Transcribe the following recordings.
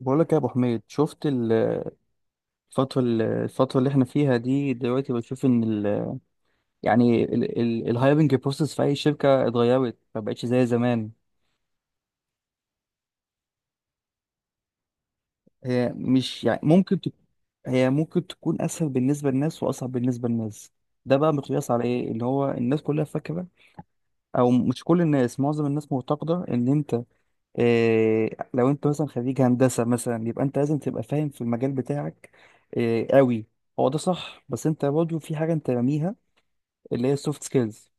بقول لك يا ابو حميد، شفت الفتره الفتره اللي احنا فيها دي دلوقتي؟ بشوف ان ال يعني الهايرنج بروسيس في اي شركه اتغيرت، ما بقتش زي زمان. هي مش يعني ممكن تك- هي ممكن تكون اسهل بالنسبه للناس واصعب بالنسبه للناس. ده بقى مقياس على ايه؟ اللي هو الناس كلها فاكره، او مش كل الناس، معظم الناس معتقده ان انت إيه، لو انت مثلا خريج هندسه مثلا يبقى انت لازم تبقى فاهم في المجال بتاعك. إيه قوي، هو ده صح، بس انت برضه في حاجه انت راميها، اللي هي السوفت سكيلز.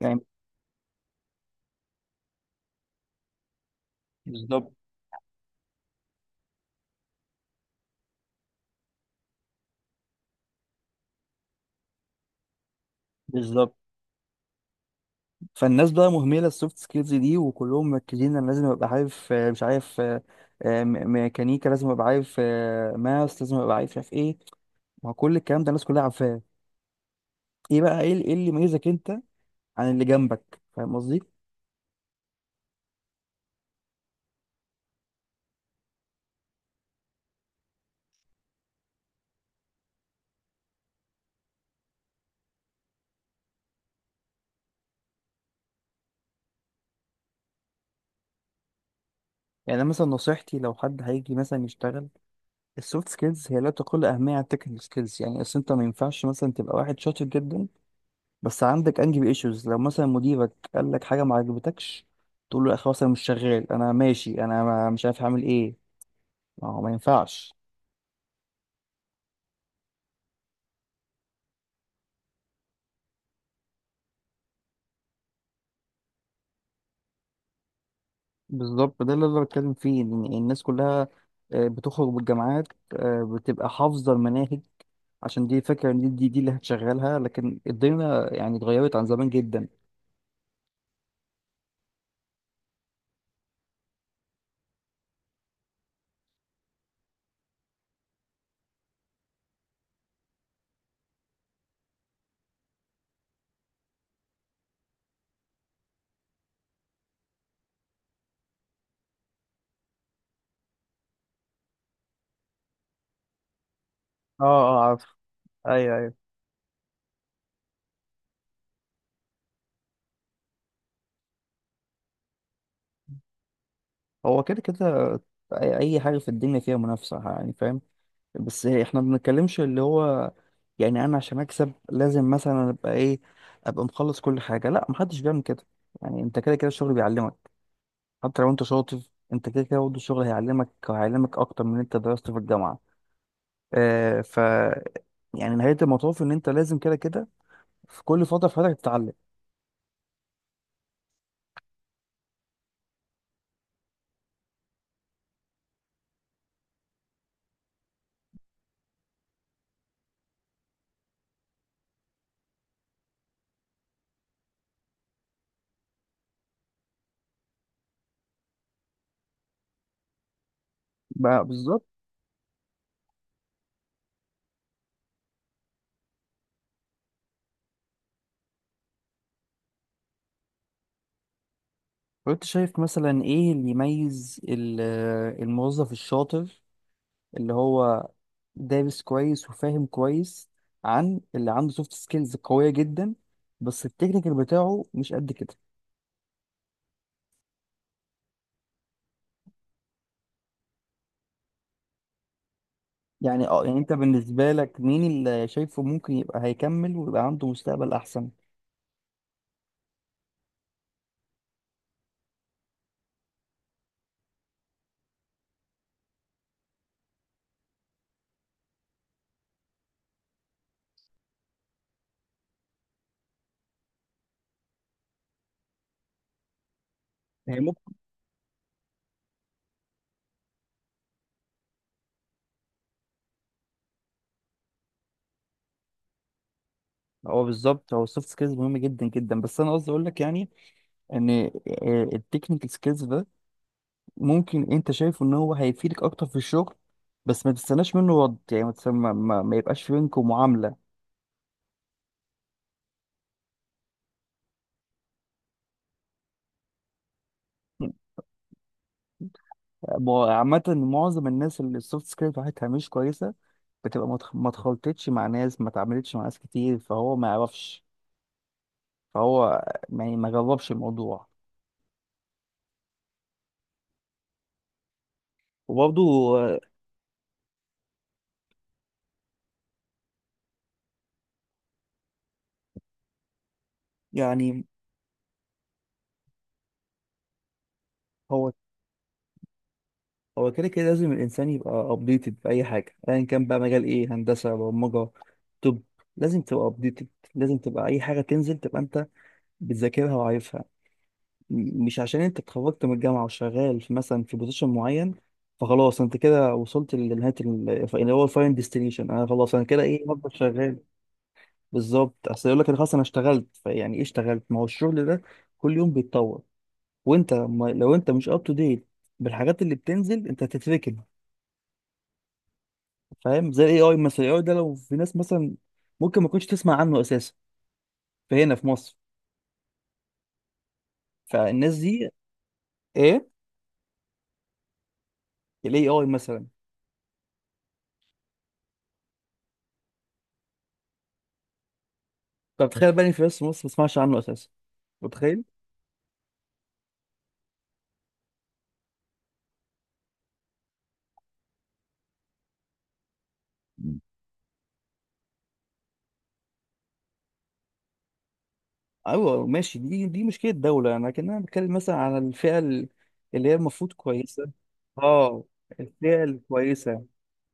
يعني بالظبط. بالظبط، فالناس بقى مهمله السوفت سكيلز دي، وكلهم مركزين انا لازم ابقى عارف مش عارف ميكانيكا لازم ابقى عارف ماس لازم ابقى عارف مش عارف ايه. ما هو كل الكلام ده الناس كلها عارفاه. ايه بقى؟ إيه اللي يميزك انت عن اللي جنبك؟ فاهم قصدي؟ يعني أنا مثلا نصيحتي لو حد هيجي مثلا يشتغل، السوفت سكيلز هي لا تقل اهميه عن التكنيكال سكيلز. يعني اصل انت ما ينفعش مثلا تبقى واحد شاطر جدا بس عندك انجي ايشوز، لو مثلا مديرك قال لك حاجه ما عجبتكش تقول له يا اخي خلاص انا مش شغال، انا ماشي، انا مش عارف هعمل ايه. ما هو ما ينفعش. بالظبط، ده اللي انا بتكلم فيه، إن الناس كلها بتخرج بالجامعات، بتبقى حافظه المناهج، عشان دي فكره ان دي اللي هتشغلها، لكن الدنيا يعني اتغيرت عن زمان جدا. اه عارف. ايوه ايوه. هو كده كده، أي حاجه في الدنيا فيها منافسه، يعني فاهم. بس احنا ما بنتكلمش اللي هو، يعني انا عشان اكسب لازم مثلا ابقى ايه، ابقى مخلص كل حاجه؟ لا محدش بيعمل كده. يعني انت كده كده الشغل بيعلمك، حتى لو انت شاطر انت كده كده برضه الشغل هيعلمك، وهيعلمك اكتر من اللي انت درسته في الجامعه. آه ف يعني نهايه المطاف ان انت لازم كده كده في كل فتره في حياتك تتعلم. بقى بالظبط. وانت شايف مثلا ايه اللي يميز الموظف الشاطر اللي هو دارس كويس وفاهم كويس، عن اللي عنده سوفت سكيلز قوية جدا بس التكنيكال بتاعه مش قد كده؟ يعني اه، يعني انت بالنسبة لك مين اللي شايفه ممكن يبقى هيكمل ويبقى عنده مستقبل احسن؟ هي ممكن. هو بالظبط، هو السوفت سكيلز مهم جدا جدا، بس انا قصدي اقول لك يعني ان التكنيكال سكيلز ده ممكن انت شايفه ان هو هيفيدك اكتر في الشغل، بس ما تستناش منه رد، يعني ما, تستنى- ما, ما ما يبقاش في بينكم معاملة. عامة معظم الناس اللي السوفت سكيلز بتاعتها مش كويسة، بتبقى ما اتخلطتش مع ناس، ما اتعاملتش مع ناس كتير، فهو ما يعرفش، فهو يعني ما جربش الموضوع. وبرضه آه، يعني هو هو كده كده لازم الانسان يبقى ابديتد في اي حاجه، ايا كان بقى مجال ايه، هندسه، برمجه. طب، لازم تبقى ابديتد، لازم تبقى اي حاجه تنزل تبقى انت بتذاكرها وعارفها. مش عشان انت اتخرجت من الجامعه وشغال في مثلا في بوزيشن معين فخلاص انت كده وصلت لنهايه اللي هو الفاين ديستنيشن، انا خلاص انا كده ايه، هفضل شغال. بالظبط، اصل يقول لك انا خلاص انا اشتغلت، فيعني ايه اشتغلت؟ ما هو الشغل ده كل يوم بيتطور، وانت ما لو انت مش اب تو ديت بالحاجات اللي بتنزل انت هتتركن. فاهم؟ زي الاي اي مثلا، الاي اي ده لو في ناس مثلا ممكن ما كنتش تسمع عنه اساسا، فهنا في مصر، فالناس دي. ايه؟ الاي اي مثلا. طب تخيل بقى إن في ناس في مصر ما تسمعش عنه اساسا، متخيل؟ ايوه ماشي، دي مشكله الدوله، انا كان انا بتكلم مثلا على الفئه اللي هي المفروض كويسه. اه، الفئه الكويسه،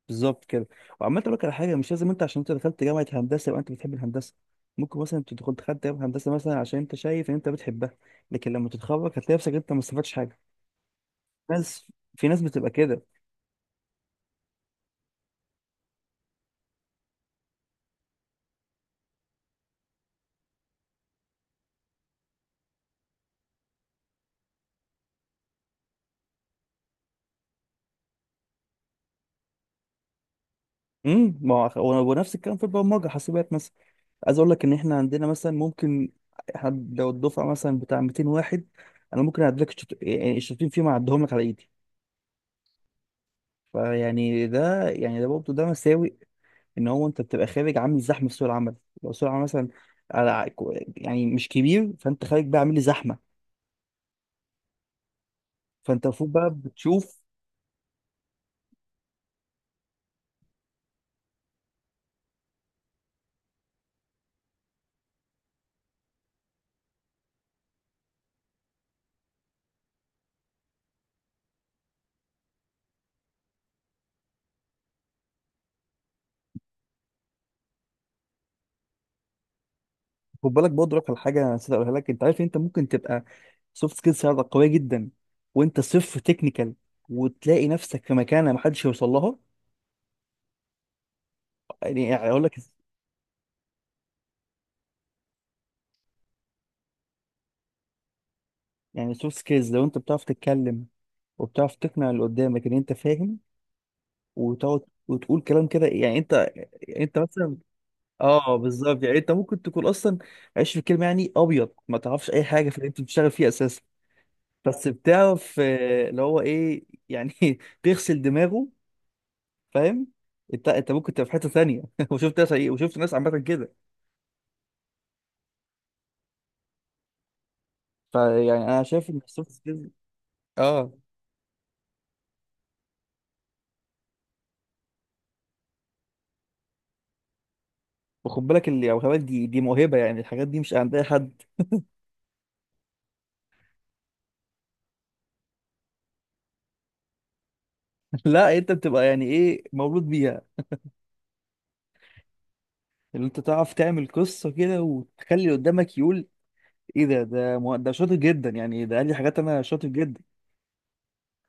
بالظبط كده. وعمال اقول لك على حاجه، مش لازم انت عشان انت دخلت جامعه هندسه يبقى انت بتحب الهندسه، ممكن مثلا انت دخلت جامعه هندسه مثلا عشان انت شايف ان انت بتحبها، لكن لما تتخرج هتلاقي نفسك انت ما استفدتش حاجه. ناس، في ناس بتبقى كده. ما هو ونفس الكلام في البرمجه، حاسبات مثلا. عايز اقول لك ان احنا عندنا مثلا ممكن حد لو الدفعه مثلا بتاع 200 واحد، انا ممكن اعدلك يعني الشاطرين فيه ما اعدهم لك على ايدي. فيعني ده، يعني ده برضه ده مساوئ، ان هو انت بتبقى خارج عامل زحمه في سوق العمل. لو سوق العمل مثلا على يعني مش كبير، فانت خارج بقى عامل لي زحمه. فانت المفروض بقى بتشوف. خد بالك برضه لك على حاجه انا نسيت اقولها لك، انت عارف إن انت ممكن تبقى سوفت سكيلز عندك قويه جدا وانت صفر تكنيكال وتلاقي نفسك في مكانه محدش يوصل لها. يعني اقول لك، يعني سوفت سكيلز لو انت بتعرف تتكلم، وبتعرف تقنع اللي قدامك ان انت فاهم، وتقعد وتقول كلام كده، يعني انت، يعني انت مثلا. اه بالظبط، يعني انت ممكن تكون اصلا عايش في الكلمه، يعني ابيض ما تعرفش اي حاجه في اللي انت بتشتغل فيه اساسا، بس بتعرف اللي هو ايه يعني تغسل دماغه. فاهم؟ انت ممكن تبقى في حته ثانيه. وشفت ناس ايه، وشفت ناس عامه كده. فيعني انا شايف ان السوفت سكيلز، اه. وخد بالك اللي او خبرك، دي موهبه، يعني الحاجات دي مش عند اي حد. لا انت بتبقى يعني ايه، مولود بيها. اللي انت تعرف تعمل قصه كده وتخلي اللي قدامك يقول ايه ده، ده شاطر جدا، يعني ده قال لي حاجات انا شاطر جدا.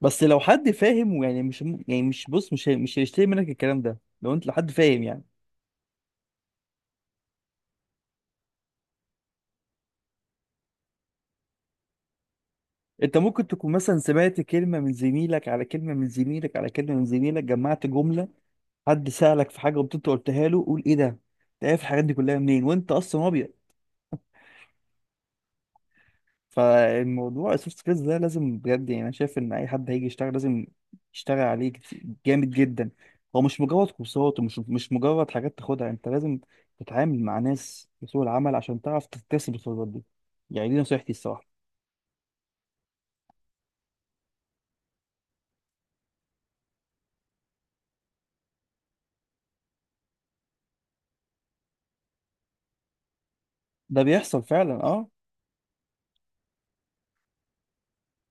بس لو حد فاهم ويعني مش يعني مش بص، مش هيشتري منك الكلام ده لو انت لحد فاهم يعني. انت ممكن تكون مثلا سمعت كلمة من زميلك، على كلمة من زميلك، على كلمة من زميلك، جمعت جملة، حد سألك في حاجة وانت قلتها له، قول ايه ده، انت عارف الحاجات دي كلها منين وانت اصلا ابيض. فالموضوع السوفت سكيلز ده لازم بجد، يعني انا شايف ان اي حد هيجي يشتغل لازم يشتغل عليه جامد جدا. هو مش مجرد كورسات، ومش مش مجرد حاجات تاخدها، انت لازم تتعامل مع ناس في سوق العمل عشان تعرف تكتسب الخبرات دي. يعني دي نصيحتي الصراحة. ده بيحصل فعلا، اه.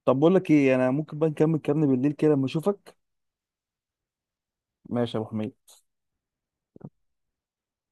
طب بقول لك ايه، انا ممكن بقى نكمل كلامنا بالليل كده لما اشوفك. ماشي يا ابو حميد.